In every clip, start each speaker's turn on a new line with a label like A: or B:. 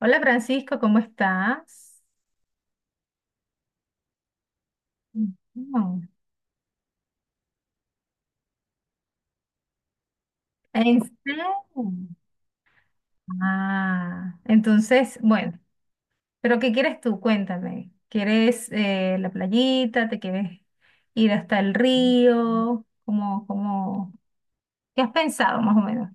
A: Hola Francisco, ¿cómo estás? No. ¿En serio? Ah, entonces, bueno, pero ¿qué quieres tú? Cuéntame. ¿Quieres la playita? ¿Te quieres ir hasta el río? ¿Cómo? ¿Qué has pensado más o menos?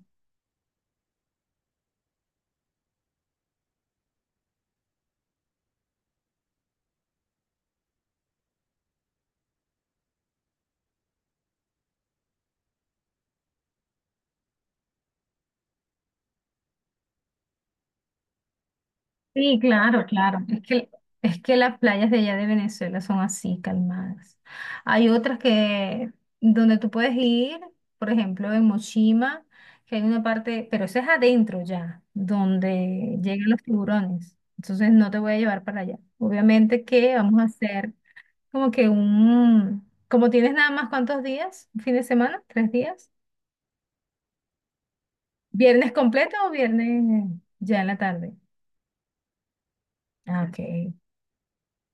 A: Sí, claro, claro. Es que las playas de allá de Venezuela son así, calmadas. Hay otras que donde tú puedes ir, por ejemplo, en Mochima, que hay una parte, pero eso es adentro ya, donde llegan los tiburones. Entonces no te voy a llevar para allá. Obviamente que vamos a hacer como que un, como tienes nada más cuántos días, un fin de semana, 3 días, viernes completo o viernes ya en la tarde. Ah, ok.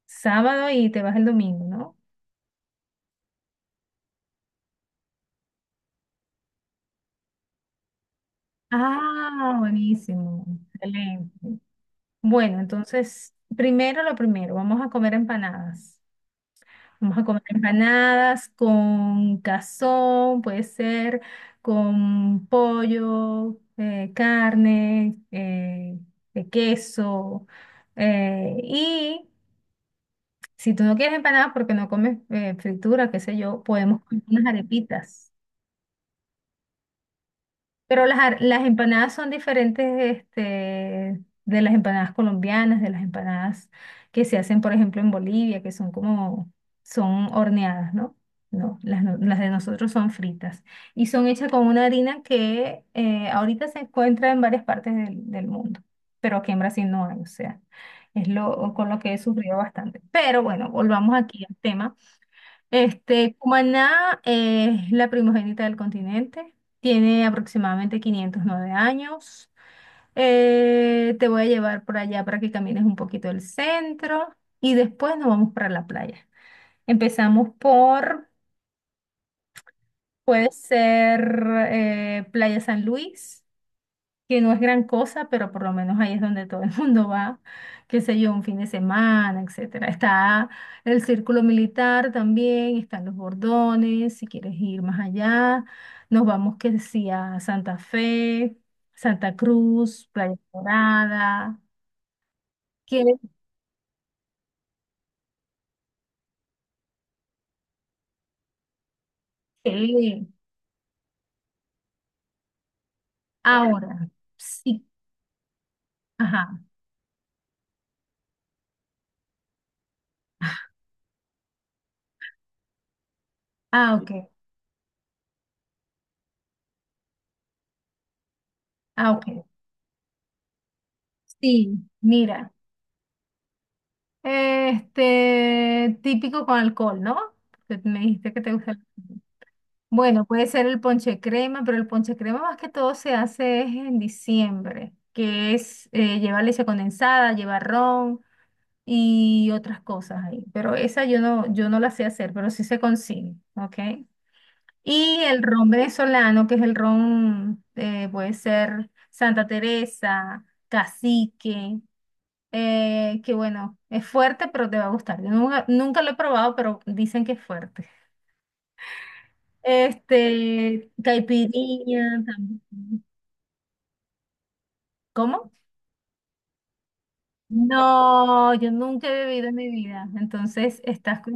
A: Sábado y te vas el domingo, ¿no? Ah, buenísimo. Excelente. Bueno, entonces, primero lo primero, vamos a comer empanadas. Vamos a comer empanadas con cazón, puede ser con pollo, carne, de queso. Y si tú no quieres empanadas porque no comes fritura, qué sé yo, podemos comer unas arepitas. Pero las empanadas son diferentes, de las empanadas colombianas, de las empanadas que se hacen, por ejemplo, en Bolivia, que son como, son horneadas, ¿no? No, las de nosotros son fritas y son hechas con una harina que ahorita se encuentra en varias partes del mundo, pero aquí en Brasil no hay, o sea, es lo con lo que he sufrido bastante. Pero bueno, volvamos aquí al tema. Cumaná es la primogénita del continente, tiene aproximadamente 509 años. Te voy a llevar por allá para que camines un poquito el centro y después nos vamos para la playa. Empezamos por, puede ser Playa San Luis, que no es gran cosa, pero por lo menos ahí es donde todo el mundo va, qué sé yo, un fin de semana, etcétera. Está el círculo militar también, están los bordones, si quieres ir más allá, nos vamos que decía Santa Fe, Santa Cruz, Playa Dorada. ¿Quieres que ahora? Sí, ajá. Ah, ok. Ah, ok. Sí, mira. Típico con alcohol, ¿no? Porque me dijiste que te gusta el alcohol. Bueno, puede ser el ponche crema, pero el ponche crema más que todo se hace es en diciembre, que es lleva leche condensada, lleva ron y otras cosas ahí. Pero esa yo no la sé hacer, pero sí se consigue, ¿ok? Y el ron venezolano, que es el ron, puede ser Santa Teresa, Cacique, que bueno, es fuerte, pero te va a gustar. Yo nunca, nunca lo he probado, pero dicen que es fuerte. Caipirinha también. ¿Cómo? No, yo nunca he bebido en mi vida. Entonces, estás con-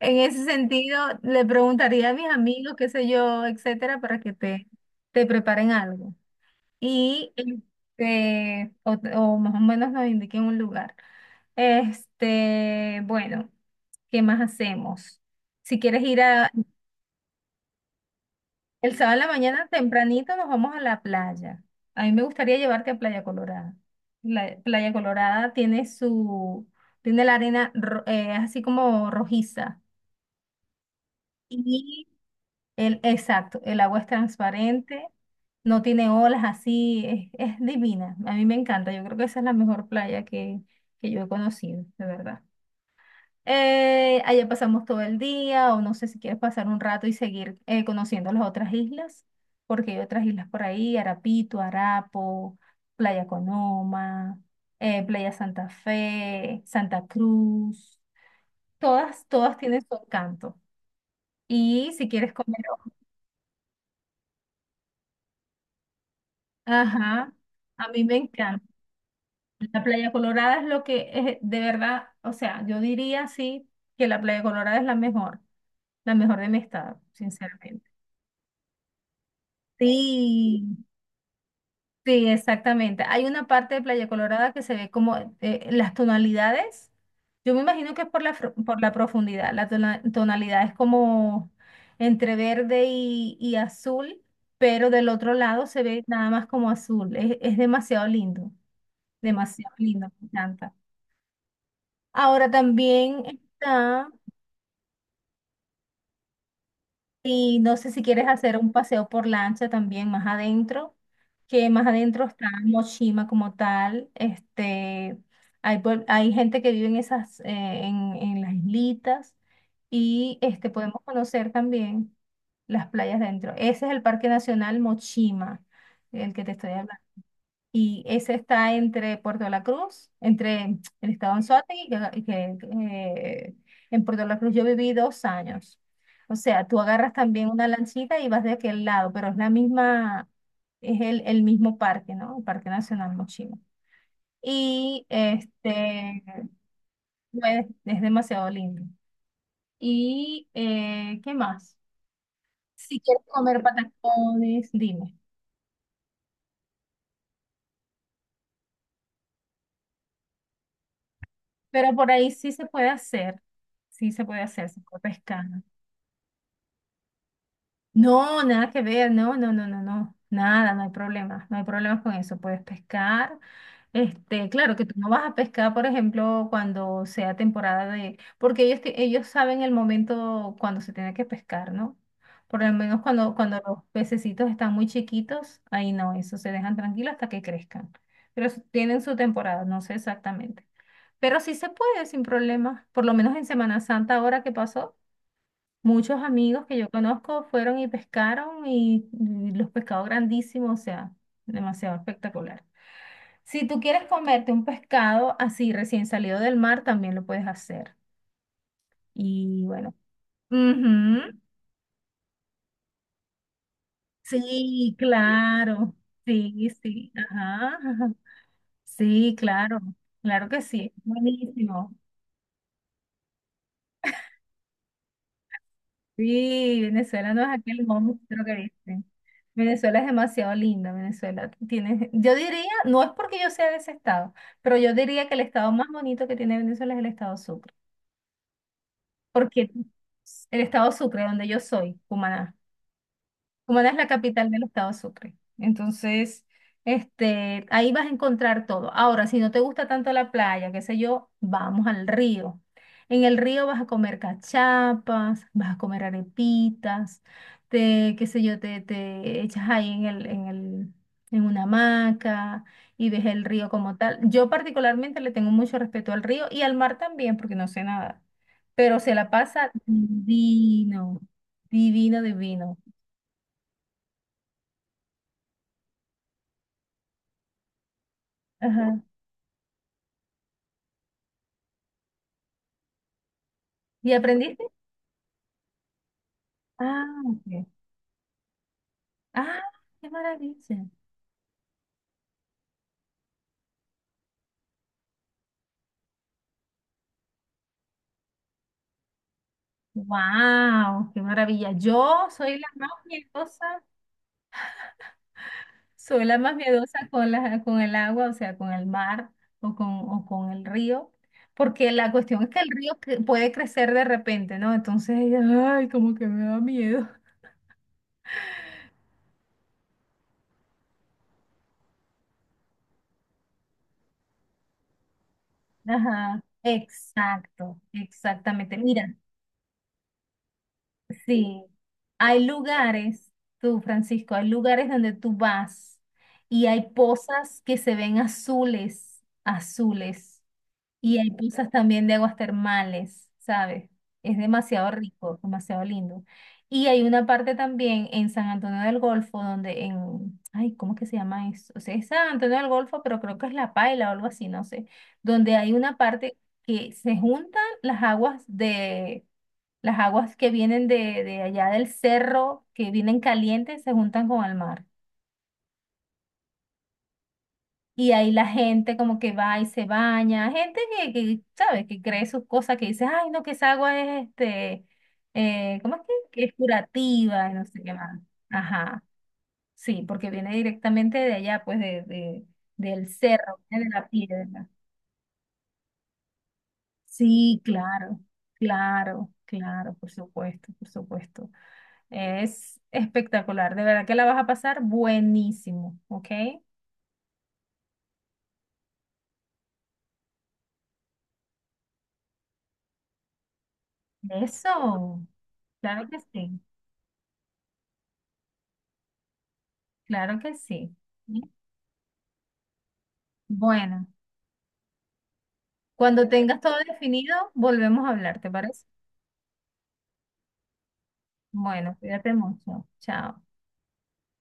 A: En ese sentido, le preguntaría a mis amigos, qué sé yo, etcétera, para que te preparen algo. Y o más o menos nos indiquen un lugar. Bueno, ¿qué más hacemos? Si quieres ir a, el sábado en la mañana tempranito nos vamos a la playa. A mí me gustaría llevarte a Playa Colorada. La Playa Colorada tiene la arena así como rojiza. Y el, exacto, el agua es transparente, no tiene olas así, es divina. A mí me encanta, yo creo que esa es la mejor playa que yo he conocido, de verdad. Allá pasamos todo el día, o no sé si quieres pasar un rato y seguir conociendo las otras islas, porque hay otras islas por ahí, Arapito, Arapo, Playa Conoma, Playa Santa Fe, Santa Cruz, todas tienen su encanto. Y si quieres comer, ajá, a mí me encanta. La Playa Colorada es lo que es, de verdad, o sea, yo diría sí que la Playa Colorada es la mejor de mi estado, sinceramente. Sí. Sí, exactamente. Hay una parte de Playa Colorada que se ve como las tonalidades. Yo me imagino que es por la profundidad. La tonalidad es como entre verde y azul, pero del otro lado se ve nada más como azul. Es demasiado lindo, me encanta. Ahora también está. Y no sé si quieres hacer un paseo por lancha también más adentro, que más adentro está Moshima como tal. Hay gente que vive en esas, en, las islitas y podemos conocer también las playas dentro. Ese es el Parque Nacional Mochima, el que te estoy hablando y ese está entre Puerto de la Cruz, entre el estado Anzoátegui, en Puerto de la Cruz yo viví 2 años. O sea, tú agarras también una lanchita y vas de aquel lado, pero es la misma, es el mismo parque, ¿no? El Parque Nacional Mochima. Y pues, es demasiado lindo. ¿Y qué más? Si quieres comer patacones, dime. Pero por ahí sí se puede hacer, sí se puede hacer, se puede pescar. No, nada que ver, no, no, no, no, no, nada, no hay problema, no hay problemas con eso, puedes pescar. Claro que tú no vas a pescar, por ejemplo, cuando sea temporada de, porque ellos saben el momento cuando se tiene que pescar, ¿no? Por lo menos cuando los pececitos están muy chiquitos, ahí no, eso se dejan tranquilos hasta que crezcan. Pero tienen su temporada, no sé exactamente. Pero sí se puede sin problema, por lo menos en Semana Santa ahora que pasó. Muchos amigos que yo conozco fueron y pescaron y los pescados grandísimos, o sea, demasiado espectacular. Si tú quieres comerte un pescado así recién salido del mar, también lo puedes hacer. Y bueno, ujú. Sí, claro, sí, sí, ajá, ajá. Sí, claro, claro que sí, buenísimo. Sí, Venezuela no es aquel monstruo que dicen. Venezuela es demasiado linda, Venezuela tiene, yo diría, no es porque yo sea de ese estado, pero yo diría que el estado más bonito que tiene Venezuela es el estado Sucre, porque el estado Sucre, donde yo soy, Cumaná. Cumaná es la capital del estado Sucre. Entonces, ahí vas a encontrar todo. Ahora, si no te gusta tanto la playa, qué sé yo, vamos al río. En el río vas a comer cachapas, vas a comer arepitas, te, qué sé yo, te echas ahí en en una hamaca y ves el río como tal. Yo particularmente le tengo mucho respeto al río y al mar también, porque no sé nada, pero se la pasa divino, divino, divino. Ajá. ¿Y aprendiste? Ah, ok. Ah, qué maravilla. Wow, qué maravilla. Yo soy la más miedosa, soy la más miedosa con el agua, o sea, con el mar o con el río, porque la cuestión es que el río puede crecer de repente, ¿no? Entonces, ay, como que me da miedo. Ajá, exacto, exactamente. Mira. Sí, hay lugares, tú Francisco, hay lugares donde tú vas y hay pozas que se ven azules, azules, y hay pozas también de aguas termales, ¿sabes? Es demasiado rico, demasiado lindo. Y hay una parte también en San Antonio del Golfo donde en, ay, ¿cómo es que se llama eso? O sea, es San Antonio del Golfo, pero creo que es La Paila o algo así, no sé, donde hay una parte que se juntan las aguas de las aguas que vienen de allá del cerro, que vienen calientes, se juntan con el mar. Y ahí la gente como que va y se baña, gente que ¿sabes? Que cree sus cosas, que dice, ay, no, que esa agua es, ¿cómo es que? Que es curativa, y no sé qué más. Ajá, sí, porque viene directamente de allá, pues, del cerro, viene de la piedra. Sí, claro, claro, claro, por supuesto, por supuesto. Es espectacular, de verdad que la vas a pasar buenísimo, ¿ok? Eso, claro que sí, claro que sí. ¿Sí? Bueno, cuando tengas todo definido, volvemos a hablar, ¿te parece? Bueno, cuídate mucho, chao.